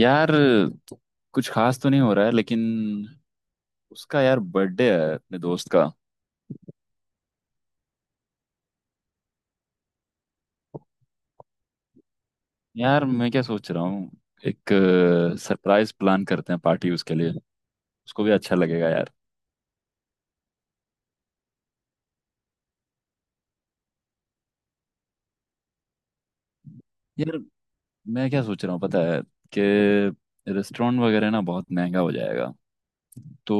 यार कुछ खास तो नहीं हो रहा है, लेकिन उसका यार बर्थडे है अपने दोस्त का। यार मैं क्या सोच रहा हूँ, एक सरप्राइज प्लान करते हैं पार्टी उसके लिए। उसको भी अच्छा लगेगा यार। यार मैं क्या सोच रहा हूँ, पता है कि रेस्टोरेंट वगैरह ना बहुत महंगा हो जाएगा। तो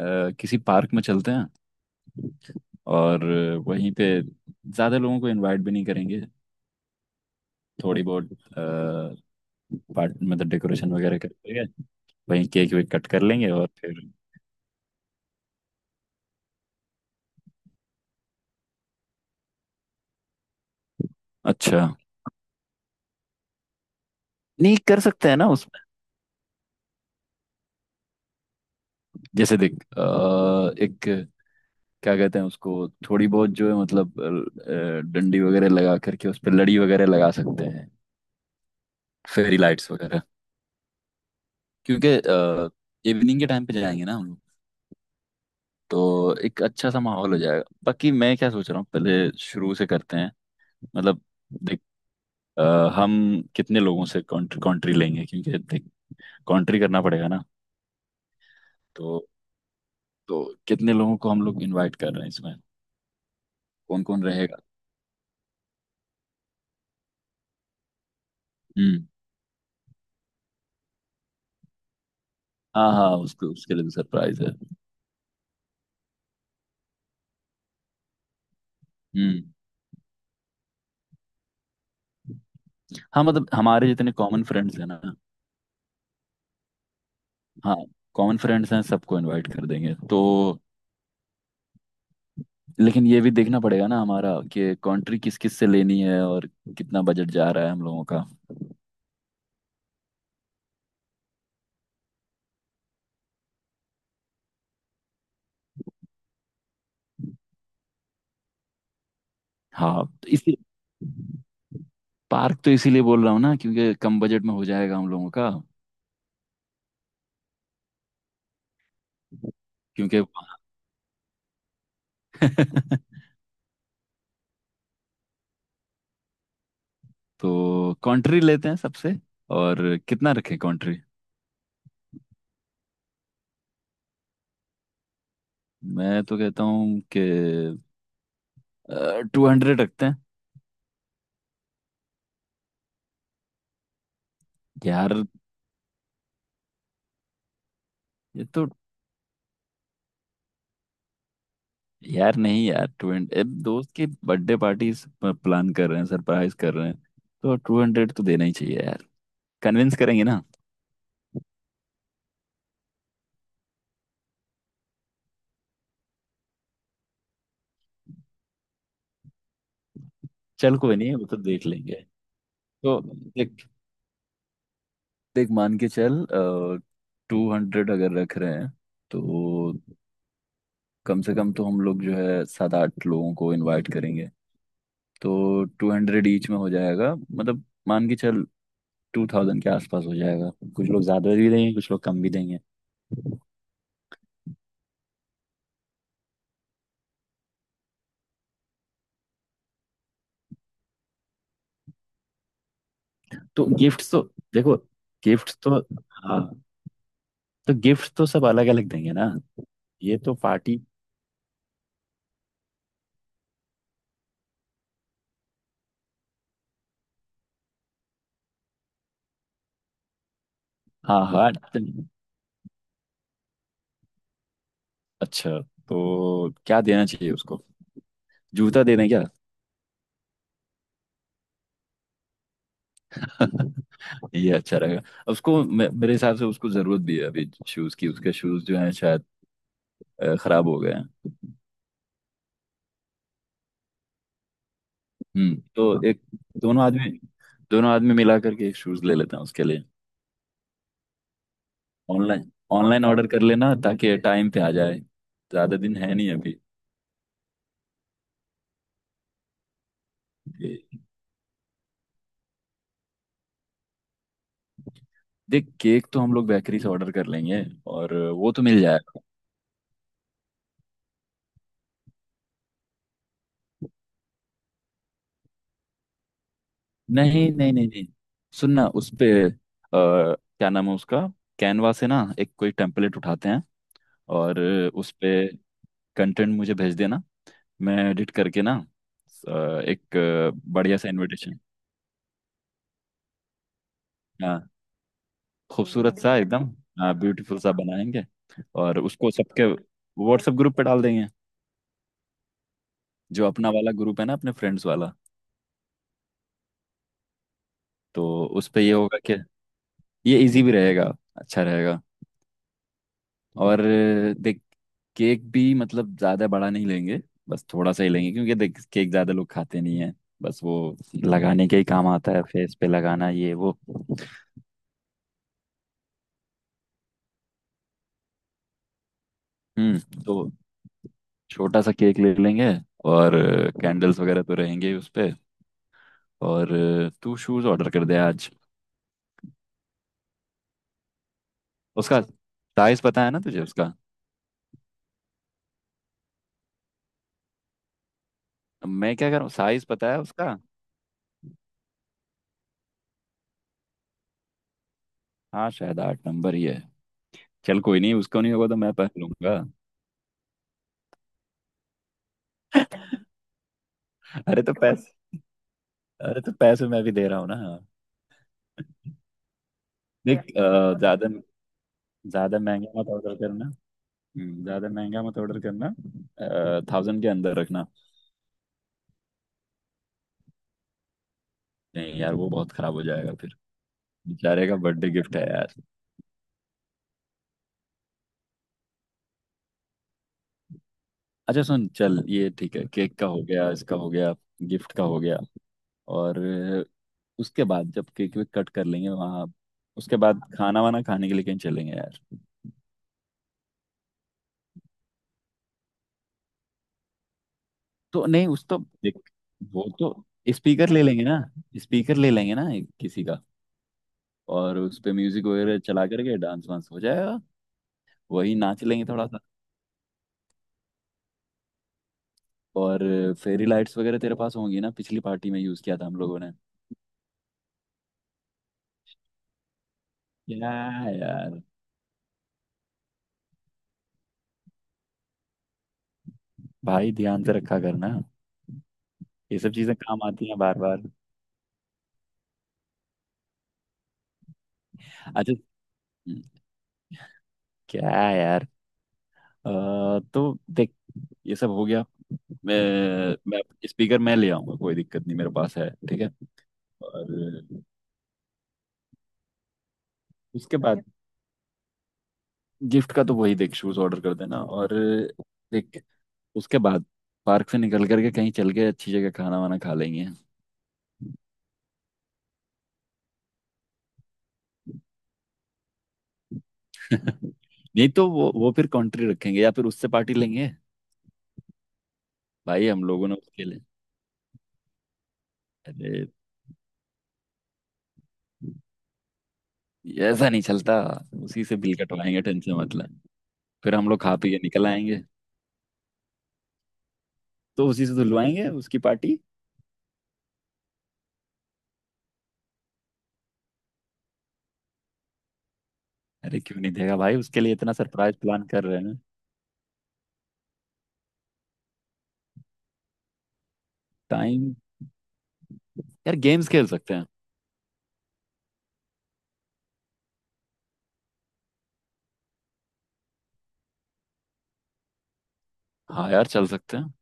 किसी पार्क में चलते हैं, और वहीं पे ज़्यादा लोगों को इनवाइट भी नहीं करेंगे। थोड़ी बहुत पार्ट, मतलब डेकोरेशन वगैरह कर लेंगे, वहीं केक वेक कट कर लेंगे और फिर। अच्छा। नहीं कर सकते हैं ना उसमें। जैसे देख एक, क्या कहते हैं उसको, थोड़ी बहुत जो है मतलब डंडी वगैरह लगा करके उस पर लड़ी वगैरह लगा सकते हैं। फेरी लाइट्स वगैरह। क्योंकि इवनिंग के टाइम पे जाएंगे ना हम लोग, तो एक अच्छा सा माहौल हो जाएगा। बाकी मैं क्या सोच रहा हूँ, पहले शुरू से करते हैं। मतलब देख अ, हम कितने लोगों से कंट्री लेंगे, क्योंकि देख कंट्री करना पड़ेगा ना। तो तो कितने लोगों को हम लोग इनवाइट कर रहे हैं, इसमें कौन कौन रहेगा। हम्म। हाँ हाँ, उसको उसके लिए भी सरप्राइज है। हम्म। हाँ, मतलब हमारे जितने कॉमन फ्रेंड्स हैं ना। हाँ, कॉमन फ्रेंड्स हैं सबको इनवाइट कर देंगे तो। लेकिन ये भी देखना पड़ेगा ना हमारा, कि कंट्री किस किस से लेनी है, और कितना बजट जा रहा है हम लोगों का। हाँ तो इसी, पार्क तो इसीलिए बोल रहा हूँ ना, क्योंकि कम बजट में हो जाएगा हम लोगों का। क्योंकि तो कंट्री लेते हैं सबसे, और कितना रखें कंट्री। मैं तो कहता हूँ कि 200 रखते हैं। यार ये तो। यार नहीं यार, टू दोस्त की बर्थडे पार्टी प्लान कर रहे हैं, सरप्राइज कर रहे हैं। तो 200 तो देना ही चाहिए यार। कन्विंस करेंगे ना। चल कोई नहीं, वो तो देख लेंगे। तो देख, देख मान के चल, 200 अगर रख रहे हैं, तो कम से कम तो हम लोग जो है सात आठ लोगों को इनवाइट करेंगे। तो 200 ईच में हो जाएगा, मतलब मान के चल 2,000 के आसपास हो जाएगा। कुछ लोग ज्यादा भी देंगे, कुछ लोग कम भी देंगे। तो गिफ्ट्स तो देखो, गिफ्ट्स तो, हाँ, तो गिफ्ट्स तो सब अलग अलग देंगे ना। ये तो पार्टी। हाँ हाँ। अच्छा, तो क्या देना चाहिए उसको? जूता दे दें क्या? ये अच्छा रहेगा। उसको मेरे हिसाब से उसको जरूरत भी है अभी शूज की, उसके शूज जो हैं शायद खराब हो गए हैं। हम्म। तो एक दोनों आदमी, मिला करके एक शूज ले लेते हैं उसके लिए। ऑनलाइन ऑनलाइन ऑर्डर कर लेना ताकि टाइम पे आ जाए, ज्यादा दिन है नहीं अभी। देख केक तो हम लोग बेकरी से ऑर्डर कर लेंगे, और वो तो मिल जाएगा। नहीं नहीं नहीं नहीं। सुनना उस पे क्या नाम है उसका, कैनवा से ना एक कोई टेम्पलेट उठाते हैं। और उस पे कंटेंट मुझे भेज देना, मैं एडिट करके ना अ, एक बढ़िया सा इनविटेशन। हाँ, खूबसूरत सा एकदम। हाँ ब्यूटीफुल सा बनाएंगे। और उसको सबके व्हाट्सएप ग्रुप पे डाल देंगे, जो अपना वाला ग्रुप है ना अपने फ्रेंड्स वाला। तो उस पे ये होगा कि ये इजी भी रहेगा, अच्छा रहेगा। और देख केक भी मतलब ज़्यादा बड़ा नहीं लेंगे, बस थोड़ा सा ही लेंगे, क्योंकि देख केक ज़्यादा लोग खाते नहीं है। बस वो लगाने के ही काम आता है, फेस पे लगाना ये वो। हम्म तो छोटा सा केक ले लेंगे, और कैंडल्स वगैरह तो रहेंगे ही उस पे। और तू शूज़ ऑर्डर कर दे आज। उसका साइज़ पता है ना तुझे उसका। मैं क्या कर रहा हूँ, साइज़ पता है उसका। हाँ शायद 8 नंबर ही है। चल कोई नहीं, उसका नहीं होगा तो मैं पहन लूंगा। अरे तो पैसे अरे तो पैसे मैं भी दे रहा हूँ ना। देख ज्यादा ज्यादा महंगा मत ऑर्डर करना। ज्यादा महंगा मत ऑर्डर करना। थाउजेंड के अंदर रखना। नहीं यार वो बहुत खराब हो जाएगा फिर। बेचारे का बर्थडे गिफ्ट है यार। अच्छा सुन चल ये ठीक है, केक का हो गया, इसका हो गया, गिफ्ट का हो गया। और उसके बाद जब केक वेक कट कर लेंगे वहाँ, उसके बाद खाना वाना खाने के लिए कहीं चलेंगे यार। तो नहीं उस तो, देख वो तो, स्पीकर ले लेंगे ना स्पीकर ले लेंगे ना किसी का। और उस पे म्यूजिक वगैरह चला करके डांस वांस हो जाएगा। वही नाच लेंगे थोड़ा सा। और फेरी लाइट्स वगैरह तेरे पास होंगी ना, पिछली पार्टी में यूज किया था हम लोगों ने। क्या यार। भाई ध्यान से रखा करना, ये सब चीजें काम आती हैं बार बार। अच्छा। हम्म, क्या यार, अ, तो देख ये सब हो गया। मैं मैं स्पीकर मैं ले आऊंगा, कोई दिक्कत नहीं मेरे पास है, ठीक है। और उसके बाद गिफ्ट का तो वही देख, शूज ऑर्डर कर देना। और देख उसके बाद पार्क से निकल करके कहीं चल के अच्छी जगह खाना वाना खा लेंगे। नहीं तो वो फिर कंट्री रखेंगे, या फिर उससे पार्टी लेंगे। भाई हम लोगों ने उसके लिए, अरे ऐसा नहीं चलता। उसी से बिल कटवाएंगे, टेंशन मतलब। फिर हम लोग खा पी के निकल आएंगे, तो उसी से धुलवाएंगे उसकी पार्टी। अरे क्यों नहीं देगा भाई, उसके लिए इतना सरप्राइज प्लान कर रहे हैं। टाइम। यार गेम्स खेल सकते हैं। हाँ यार चल सकते हैं।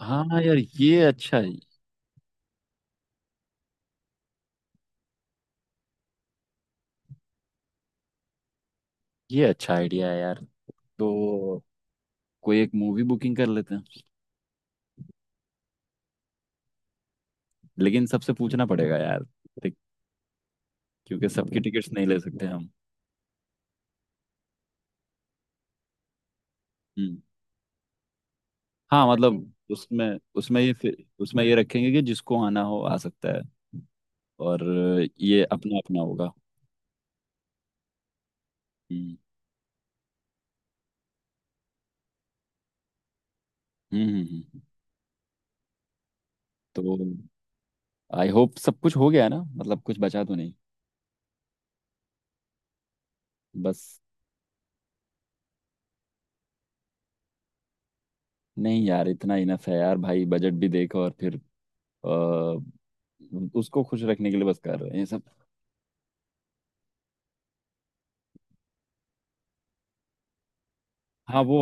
हाँ यार ये अच्छा है। ये अच्छा आइडिया है यार। तो कोई एक मूवी बुकिंग कर लेते हैं। लेकिन सबसे पूछना पड़ेगा यार देख, क्योंकि सबकी टिकट्स नहीं ले सकते हम। हम्म। हाँ ओके, मतलब उसमें, ये फिर उसमें ये रखेंगे कि जिसको आना हो आ सकता है। और ये अपना अपना होगा। हम्म। हम्म। तो आई होप सब कुछ हो गया है ना, मतलब कुछ बचा तो नहीं। बस, नहीं यार इतना इनफ है यार। भाई बजट भी देखो, और फिर अ, उसको खुश रखने के लिए बस कर रहे हैं ये सब। हाँ वो,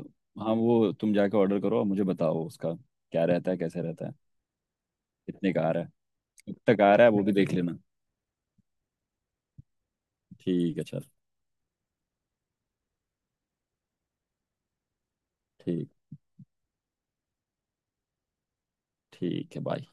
हाँ वो तुम जाके ऑर्डर करो और मुझे बताओ उसका क्या रहता है, कैसे रहता है। कितने का आ रहा है, कब तक आ रहा है वो भी देख लेना। ठीक है चल। ठीक। ठीक है, बाय।